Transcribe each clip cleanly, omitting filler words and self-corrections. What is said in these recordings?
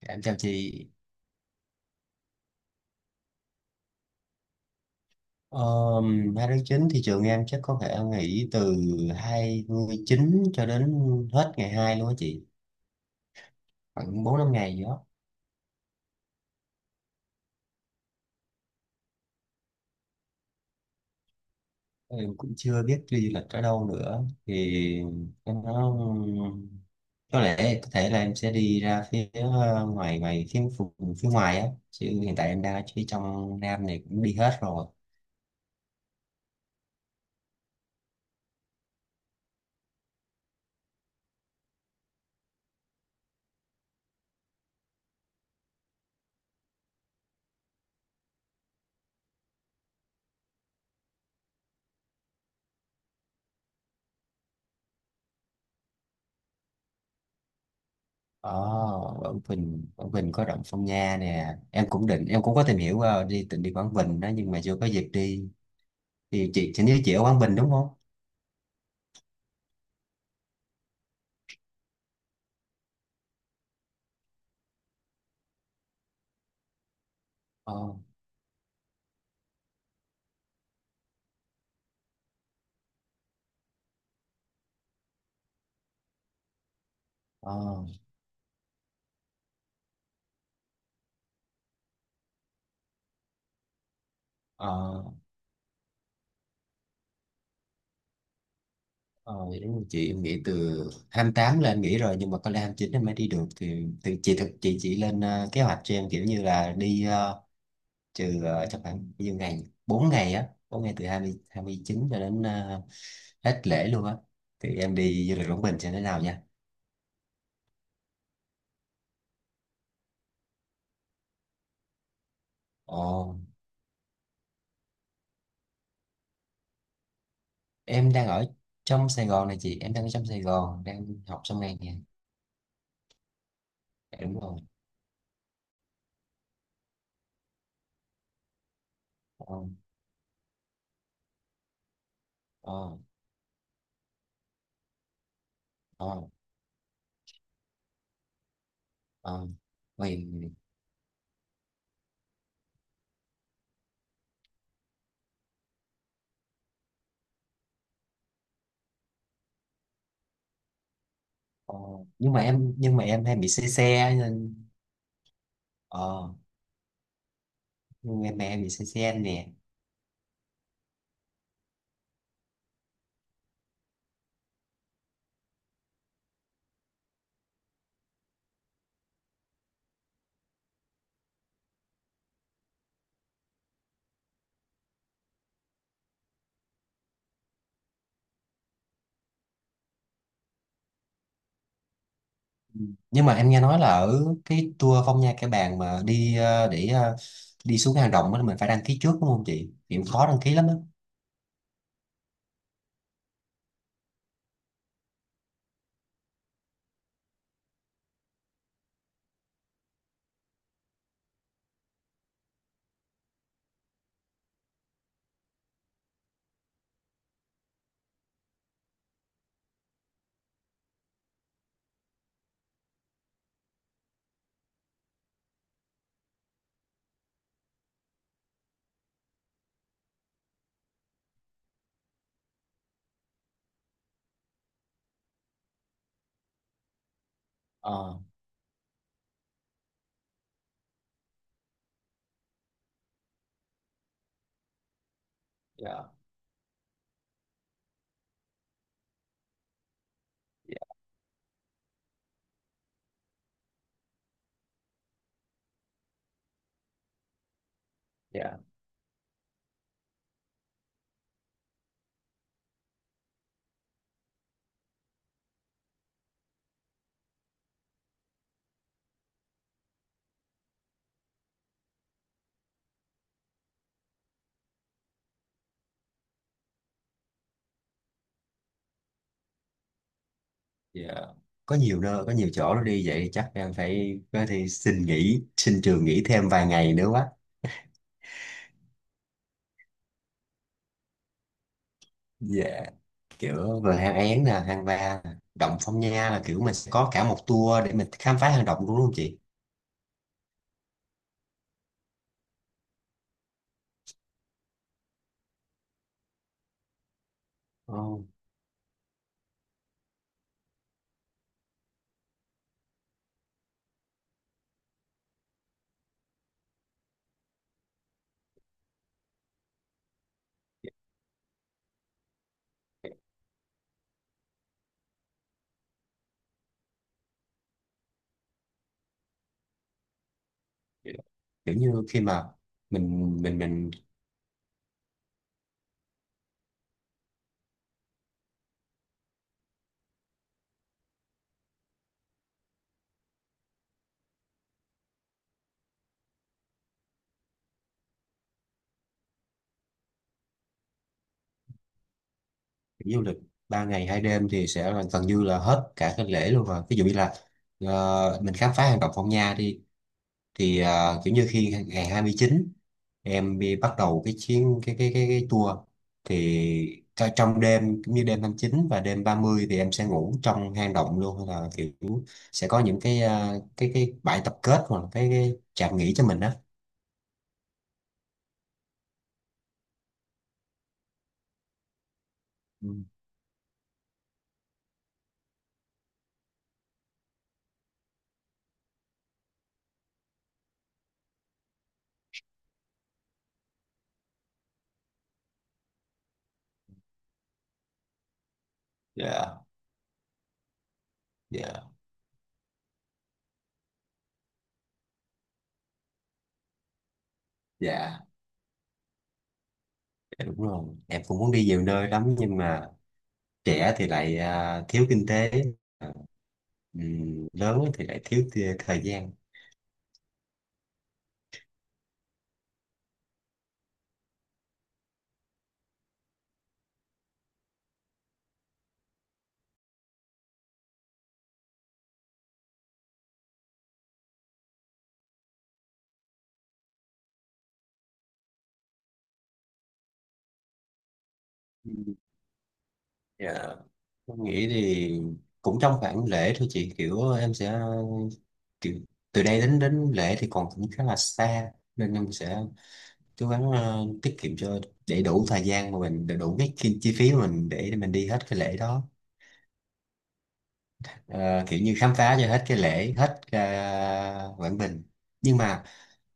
Em chào chị. 2 tháng 9 thị trường em chắc có thể nghỉ từ 29 cho đến hết ngày 2 luôn á chị. Khoảng 4 5 ngày gì đó. Em cũng chưa biết đi du lịch ở đâu nữa. Thì em nói có lẽ có thể là em sẽ đi ra phía ngoài ngoài phía ngoài á. Chứ hiện tại em đang ở phía trong Nam này cũng đi hết rồi. Ồ, Quảng Bình, Quảng Bình có động Phong Nha nè. Em cũng có tìm hiểu qua đi, định đi Quảng Bình đó nhưng mà chưa có dịp đi. Thì chị ở Quảng Bình đúng không? ờ ờ ờ ờ Vậy đúng rồi chị, em nghỉ từ 28 lên nghỉ rồi nhưng mà có lẽ 29 em mới đi được, thì chị thực chị lên kế hoạch cho em kiểu như là đi chắc khoảng bao nhiêu ngày, 4 ngày á, 4 ngày từ hai hai mươi chín cho đến hết lễ luôn á, thì em đi du lịch Quảng Bình sẽ thế nào nha. Ồ, em đang ở trong Sài Gòn này chị, em đang ở trong Sài Gòn đang học xong này nè. Dạ, đúng rồi. ờ ờ ờ ờ. Vậy. Ờ, nhưng mà em, nhưng mà em hay bị say xe nên… ờ nhưng mà em bị say xe nè. Ừ. Nhưng mà em nghe nói là ở cái tour Phong Nha Kẻ Bàng mà đi đi xuống hang động á, mình phải đăng ký trước đúng không chị? Thì cũng khó đăng ký lắm đó. ờ dạ. dạ dạ dạ Có nhiều nơi, có nhiều chỗ nó đi vậy, chắc em phải có thể xin nghỉ, xin trường nghỉ thêm vài ngày nữa quá. Dạ, kiểu về hang Én nè, hang Va nè, động Phong Nha, là kiểu mình sẽ có cả một tour để mình khám phá hang động luôn đúng không chị? Ờ, kiểu như khi mà mình đi du lịch ba ngày hai đêm thì sẽ là gần như là hết cả cái lễ luôn rồi. Ví dụ như là mình khám phá hang động Phong Nha đi, thì kiểu như khi ngày 29 em đi bắt đầu cái chuyến cái tour, thì trong đêm, cũng như đêm 29 và đêm 30, thì em sẽ ngủ trong hang động luôn hay là kiểu sẽ có những cái cái bãi tập kết, hoặc là cái trạm nghỉ cho mình đó? Ừ. dạ dạ dạ Dạ, đúng rồi, em cũng muốn đi nhiều nơi lắm nhưng mà trẻ thì lại à, thiếu kinh tế, à, lớn thì lại thiếu thời gian. Dạ, em nghĩ thì cũng trong khoảng lễ thôi chị, kiểu em sẽ kiểu, từ đây đến đến lễ thì còn cũng khá là xa nên em sẽ cố gắng tiết kiệm cho để đủ thời gian, mà mình để đủ cái chi phí mà mình để mình đi hết cái lễ đó. Ờ, kiểu như khám phá cho hết cái lễ, hết Quảng Bình. Nhưng mà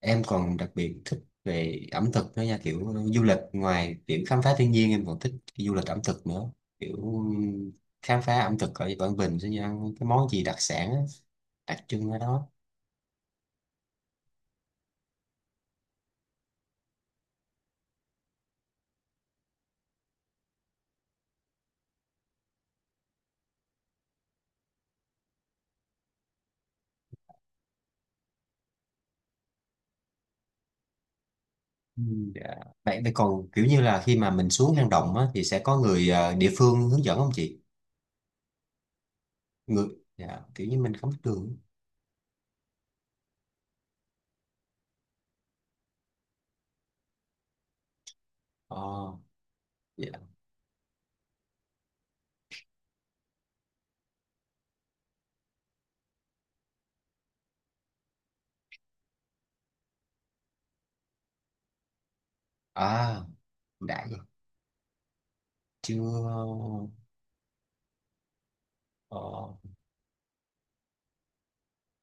em còn đặc biệt thích về ẩm thực nữa nha, kiểu du lịch ngoài kiểu khám phá thiên nhiên em còn thích du lịch ẩm thực nữa, kiểu khám phá ẩm thực ở Quảng Bình sẽ như ăn cái món gì đặc sản á, đặc trưng ở đó. Ừ. Dạ. Vậy vậy còn kiểu như là khi mà mình xuống hang động á, thì sẽ có người địa phương hướng dẫn không chị? người dạ, kiểu như mình không biết đường. ờ dạ. À, đã rồi. Chưa. ờ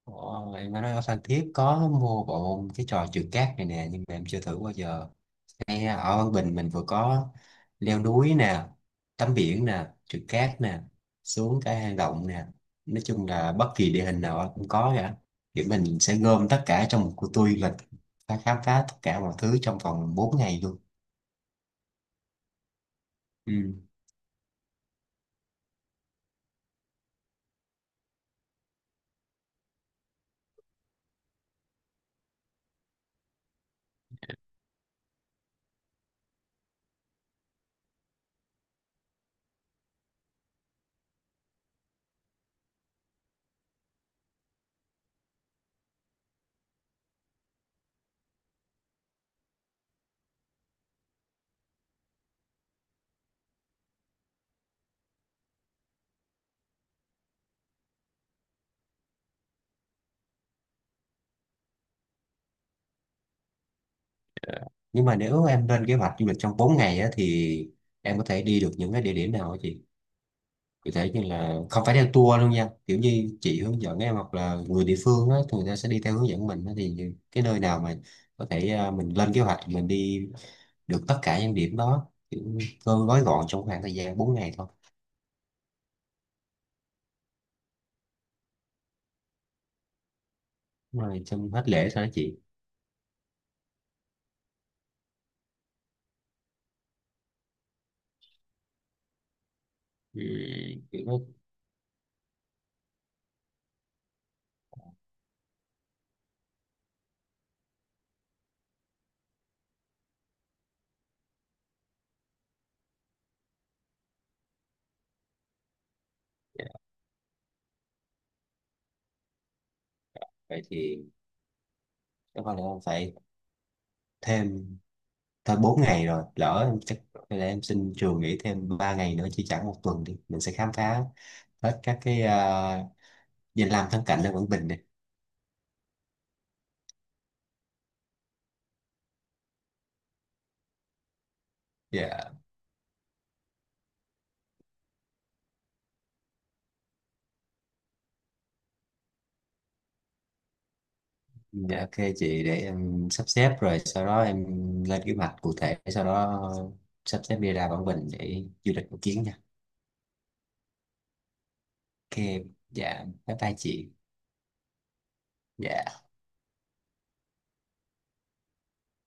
Ồ, em nói ở Phan Thiết có mua bộ cái trò trượt cát này nè nhưng mà em chưa thử bao giờ. Ngay ở Văn Bình mình vừa có leo núi nè, tắm biển nè, trượt cát nè, xuống cái hang động nè, nói chung là bất kỳ địa hình nào cũng có cả, thì mình sẽ gom tất cả trong một cuộc tour du lịch và khám phá tất cả mọi thứ trong vòng 4 ngày luôn. Ừ. Nhưng mà nếu em lên kế hoạch du lịch trong 4 ngày á, thì em có thể đi được những cái địa điểm nào hả chị? Cụ thể như là không phải theo tour luôn nha, kiểu như chị hướng dẫn em hoặc là người địa phương á, thì người ta sẽ đi theo hướng dẫn mình á, thì cái nơi nào mà có thể à, mình lên kế hoạch mình đi được tất cả những điểm đó, kiểu cơ gói gọn trong khoảng thời gian bốn ngày thôi. Đúng rồi, trong hết lễ thôi đó chị. Ừ, kiểu đó. Dạ, vậy thì chắc có lẽ em phải thêm thêm 4 ngày rồi, lỡ em chắc có lẽ em xin trường nghỉ thêm 3 ngày nữa, chỉ chẳng một tuần đi mình sẽ khám phá hết các cái à, danh lam thắng cảnh ở Quảng Bình này. Dạ. Dạ ok chị, để em sắp xếp rồi sau đó em lên kế hoạch cụ thể, sau đó sắp xếp đi ra Quảng Bình để du lịch một chuyến nha. Ok, dạ bye bye chị. Dạ.